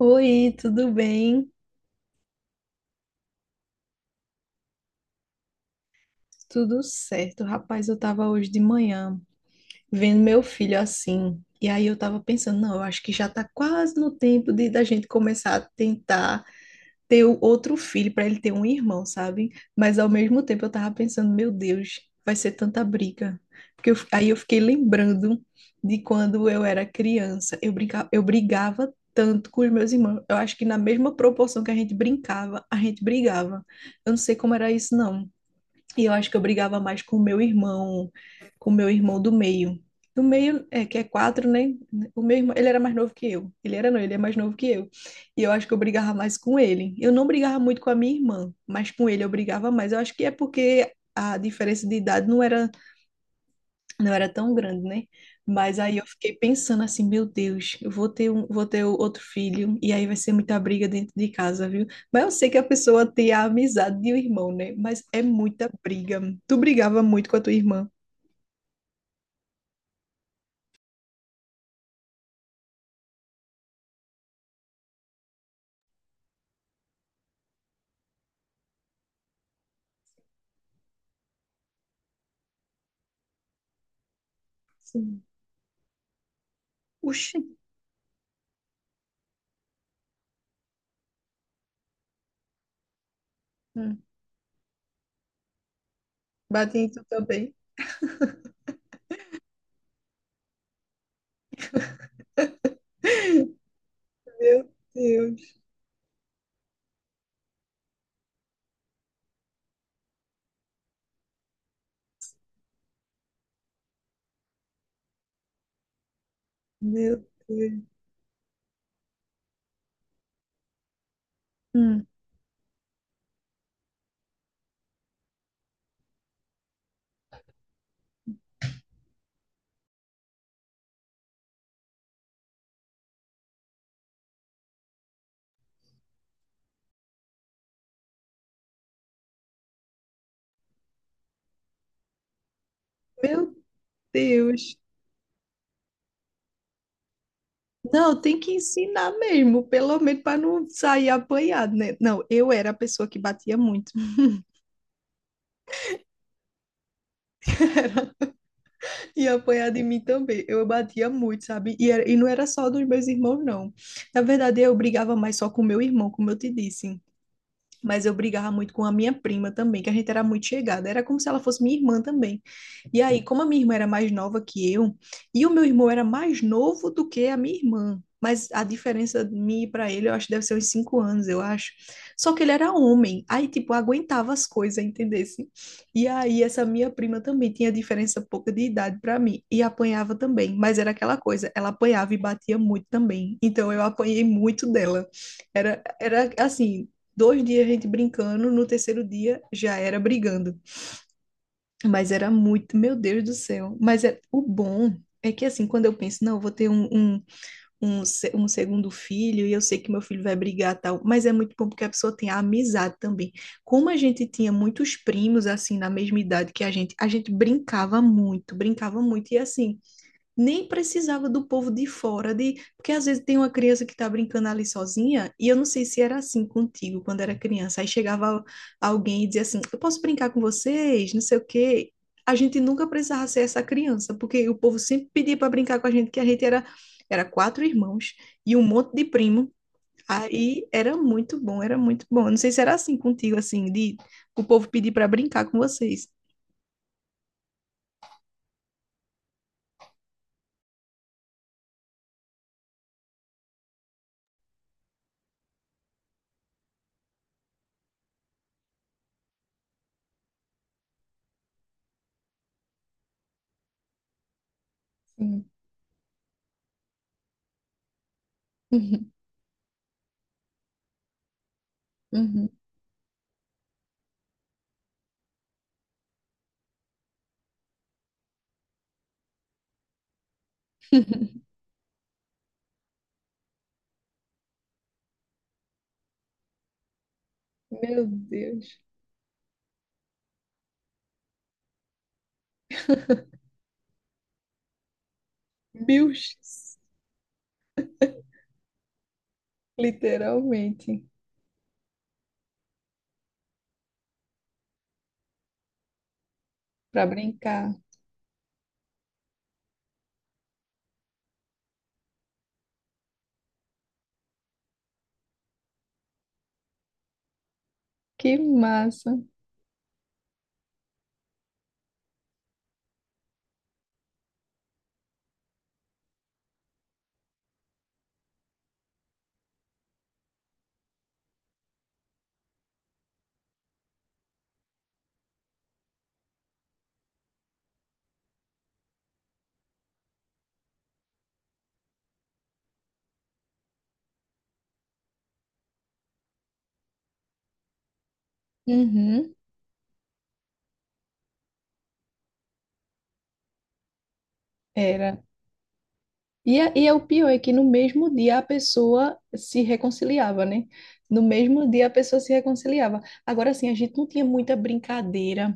Oi, tudo bem? Tudo certo. Rapaz, eu tava hoje de manhã vendo meu filho assim. E aí eu tava pensando, não, eu acho que já tá quase no tempo de da gente começar a tentar ter o outro filho para ele ter um irmão, sabe? Mas ao mesmo tempo eu tava pensando, meu Deus, vai ser tanta briga. Porque aí eu fiquei lembrando de quando eu era criança. Eu brincava, eu brigava tanto com os meus irmãos. Eu acho que na mesma proporção que a gente brincava, a gente brigava. Eu não sei como era isso, não. E eu acho que eu brigava mais com o meu irmão, com o meu irmão do meio. Do meio, é, que é quatro, né? O meu irmão, ele era mais novo que eu. Ele era não, ele é mais novo que eu. E eu acho que eu brigava mais com ele. Eu não brigava muito com a minha irmã, mas com ele eu brigava mais. Eu acho que é porque a diferença de idade não era tão grande, né? Mas aí eu fiquei pensando assim, meu Deus, eu vou ter um, vou ter outro filho e aí vai ser muita briga dentro de casa, viu? Mas eu sei que a pessoa tem a amizade de um irmão, né? Mas é muita briga. Tu brigava muito com a tua irmã. Sim. Oxi. Hum. Bate em tu também. Meu Deus, meu Deus. Hum. Meu Deus. Não, tem que ensinar mesmo, pelo menos para não sair apanhado, né? Não, eu era a pessoa que batia muito. Era. E apanhar de mim também. Eu batia muito, sabe? E não era só dos meus irmãos, não. Na verdade, eu brigava mais só com meu irmão, como eu te disse. Mas eu brigava muito com a minha prima também, que a gente era muito chegada. Era como se ela fosse minha irmã também. E aí, como a minha irmã era mais nova que eu, e o meu irmão era mais novo do que a minha irmã. Mas a diferença de mim e para ele, eu acho que deve ser uns 5 anos, eu acho. Só que ele era homem, aí, tipo, aguentava as coisas, entendesse? E aí, essa minha prima também tinha diferença pouca de idade para mim, e apanhava também, mas era aquela coisa, ela apanhava e batia muito também, então eu apanhei muito dela. Era assim, 2 dias a gente brincando, no terceiro dia já era brigando. Mas era muito, meu Deus do céu. Mas é, o bom é que assim, quando eu penso, não, eu vou ter um segundo filho e eu sei que meu filho vai brigar tal, mas é muito bom porque a pessoa tem a amizade também. Como a gente tinha muitos primos, assim, na mesma idade que a gente brincava muito, brincava muito. E assim, nem precisava do povo de fora, de porque às vezes tem uma criança que está brincando ali sozinha, e eu não sei se era assim contigo quando era criança. Aí chegava alguém e dizia assim: Eu posso brincar com vocês, não sei o quê. A gente nunca precisava ser essa criança, porque o povo sempre pedia para brincar com a gente, que a gente era quatro irmãos e um monte de primo. Aí era muito bom, era muito bom. Eu não sei se era assim contigo, assim, de o povo pedir para brincar com vocês. Sim. Uhum. Uhum. Meu Deus. Bilches, literalmente, para brincar. Que massa. Uhum, era. E é o pior é que no mesmo dia a pessoa se reconciliava, né? No mesmo dia a pessoa se reconciliava. Agora, assim, a gente não tinha muita brincadeira.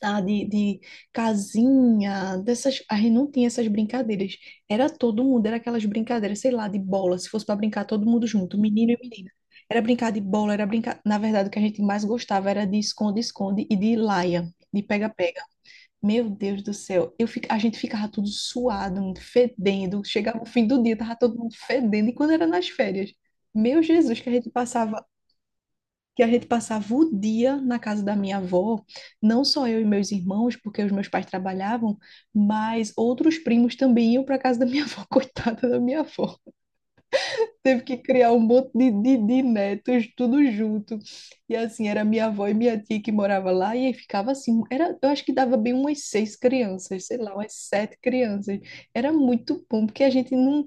Tá, de casinha, dessas, a gente não tinha essas brincadeiras. Era todo mundo, era aquelas brincadeiras, sei lá, de bola, se fosse para brincar todo mundo junto, menino e menina. Era brincar de bola, era brincar, na verdade, o que a gente mais gostava era de esconde-esconde e de laia, de pega-pega. Meu Deus do céu, a gente ficava tudo suado, fedendo, chegava o fim do dia, tava todo mundo fedendo, e quando era nas férias, meu Jesus, que a gente passava o dia na casa da minha avó, não só eu e meus irmãos, porque os meus pais trabalhavam, mas outros primos também iam para casa da minha avó, coitada da minha avó. Teve que criar um monte de netos, tudo junto. E assim, era minha avó e minha tia que morava lá, e aí ficava assim, era, eu acho que dava bem umas seis crianças, sei lá, umas sete crianças. Era muito bom, porque a gente não,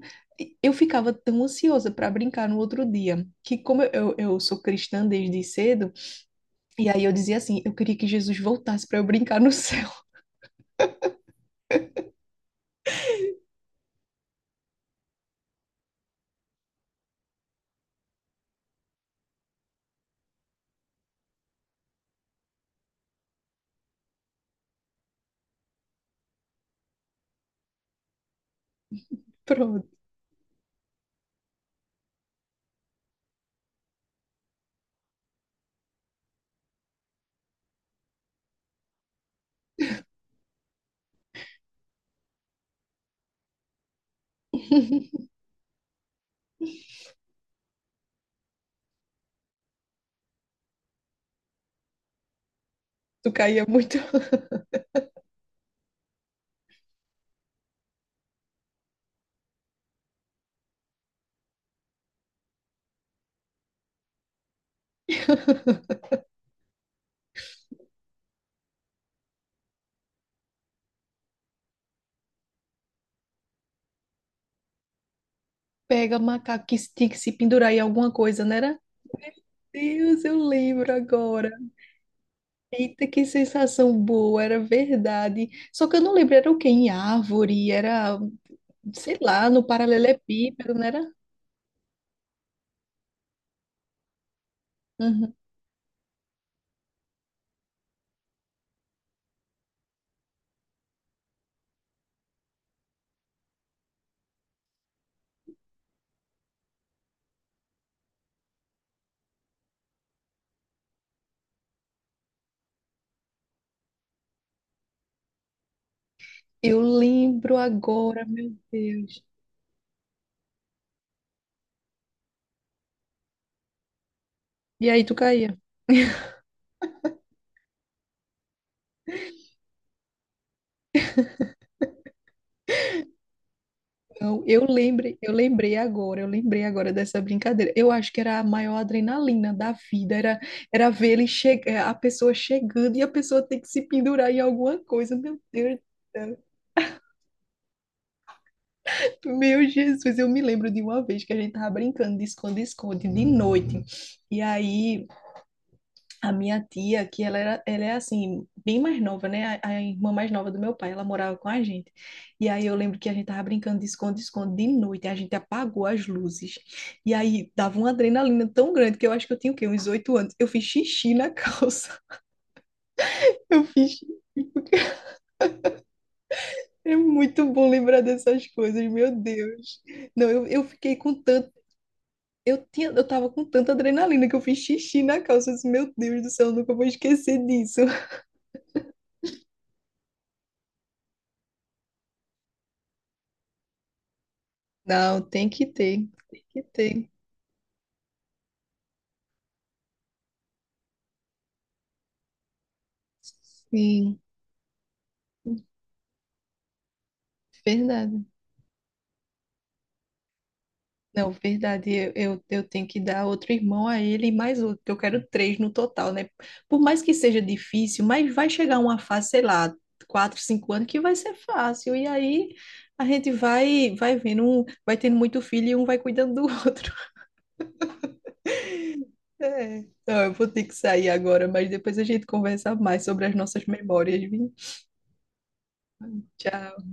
eu ficava tão ansiosa para brincar no outro dia, que como eu sou cristã desde cedo, e aí eu dizia assim, eu queria que Jesus voltasse para eu brincar no céu. Pronto. Tu caía muito. Pega macaco que tinha que se pendurar em alguma coisa, não era? Deus, eu lembro agora. Eita, que sensação boa, era verdade. Só que eu não lembro, era o quê? Em árvore, era, sei lá, no paralelepípedo, não era? Uhum. Eu lembro agora, meu Deus. E aí tu caía? Então, eu lembrei agora dessa brincadeira. Eu acho que era a maior adrenalina da vida, era ver ele chegar, a pessoa chegando e a pessoa ter que se pendurar em alguma coisa. Meu Deus do céu. Meu Jesus, eu me lembro de uma vez que a gente tava brincando de esconde-esconde de noite. E aí a minha tia, que ela era, ela é assim, bem mais nova, né? A irmã mais nova do meu pai, ela morava com a gente. E aí eu lembro que a gente tava brincando de esconde-esconde de noite, a gente apagou as luzes. E aí dava uma adrenalina tão grande que eu acho que eu tinha o quê? Uns 8 anos. Eu fiz xixi na calça. Eu fiz xixi. É muito bom lembrar dessas coisas, meu Deus. Não, eu fiquei com tanto. Eu tinha, eu tava com tanta adrenalina que eu fiz xixi na calça. Eu disse, meu Deus do céu, eu nunca vou esquecer disso. Não, tem que ter, tem que ter. Sim, verdade. Não, verdade, eu tenho que dar outro irmão a ele e mais outro, porque eu quero três no total, né? Por mais que seja difícil, mas vai chegar uma fase, sei lá, 4, 5 anos, que vai ser fácil. E aí a gente vai vendo, um, vai tendo muito filho e um vai cuidando do outro. É. Não, eu vou ter que sair agora, mas depois a gente conversa mais sobre as nossas memórias, viu? Tchau.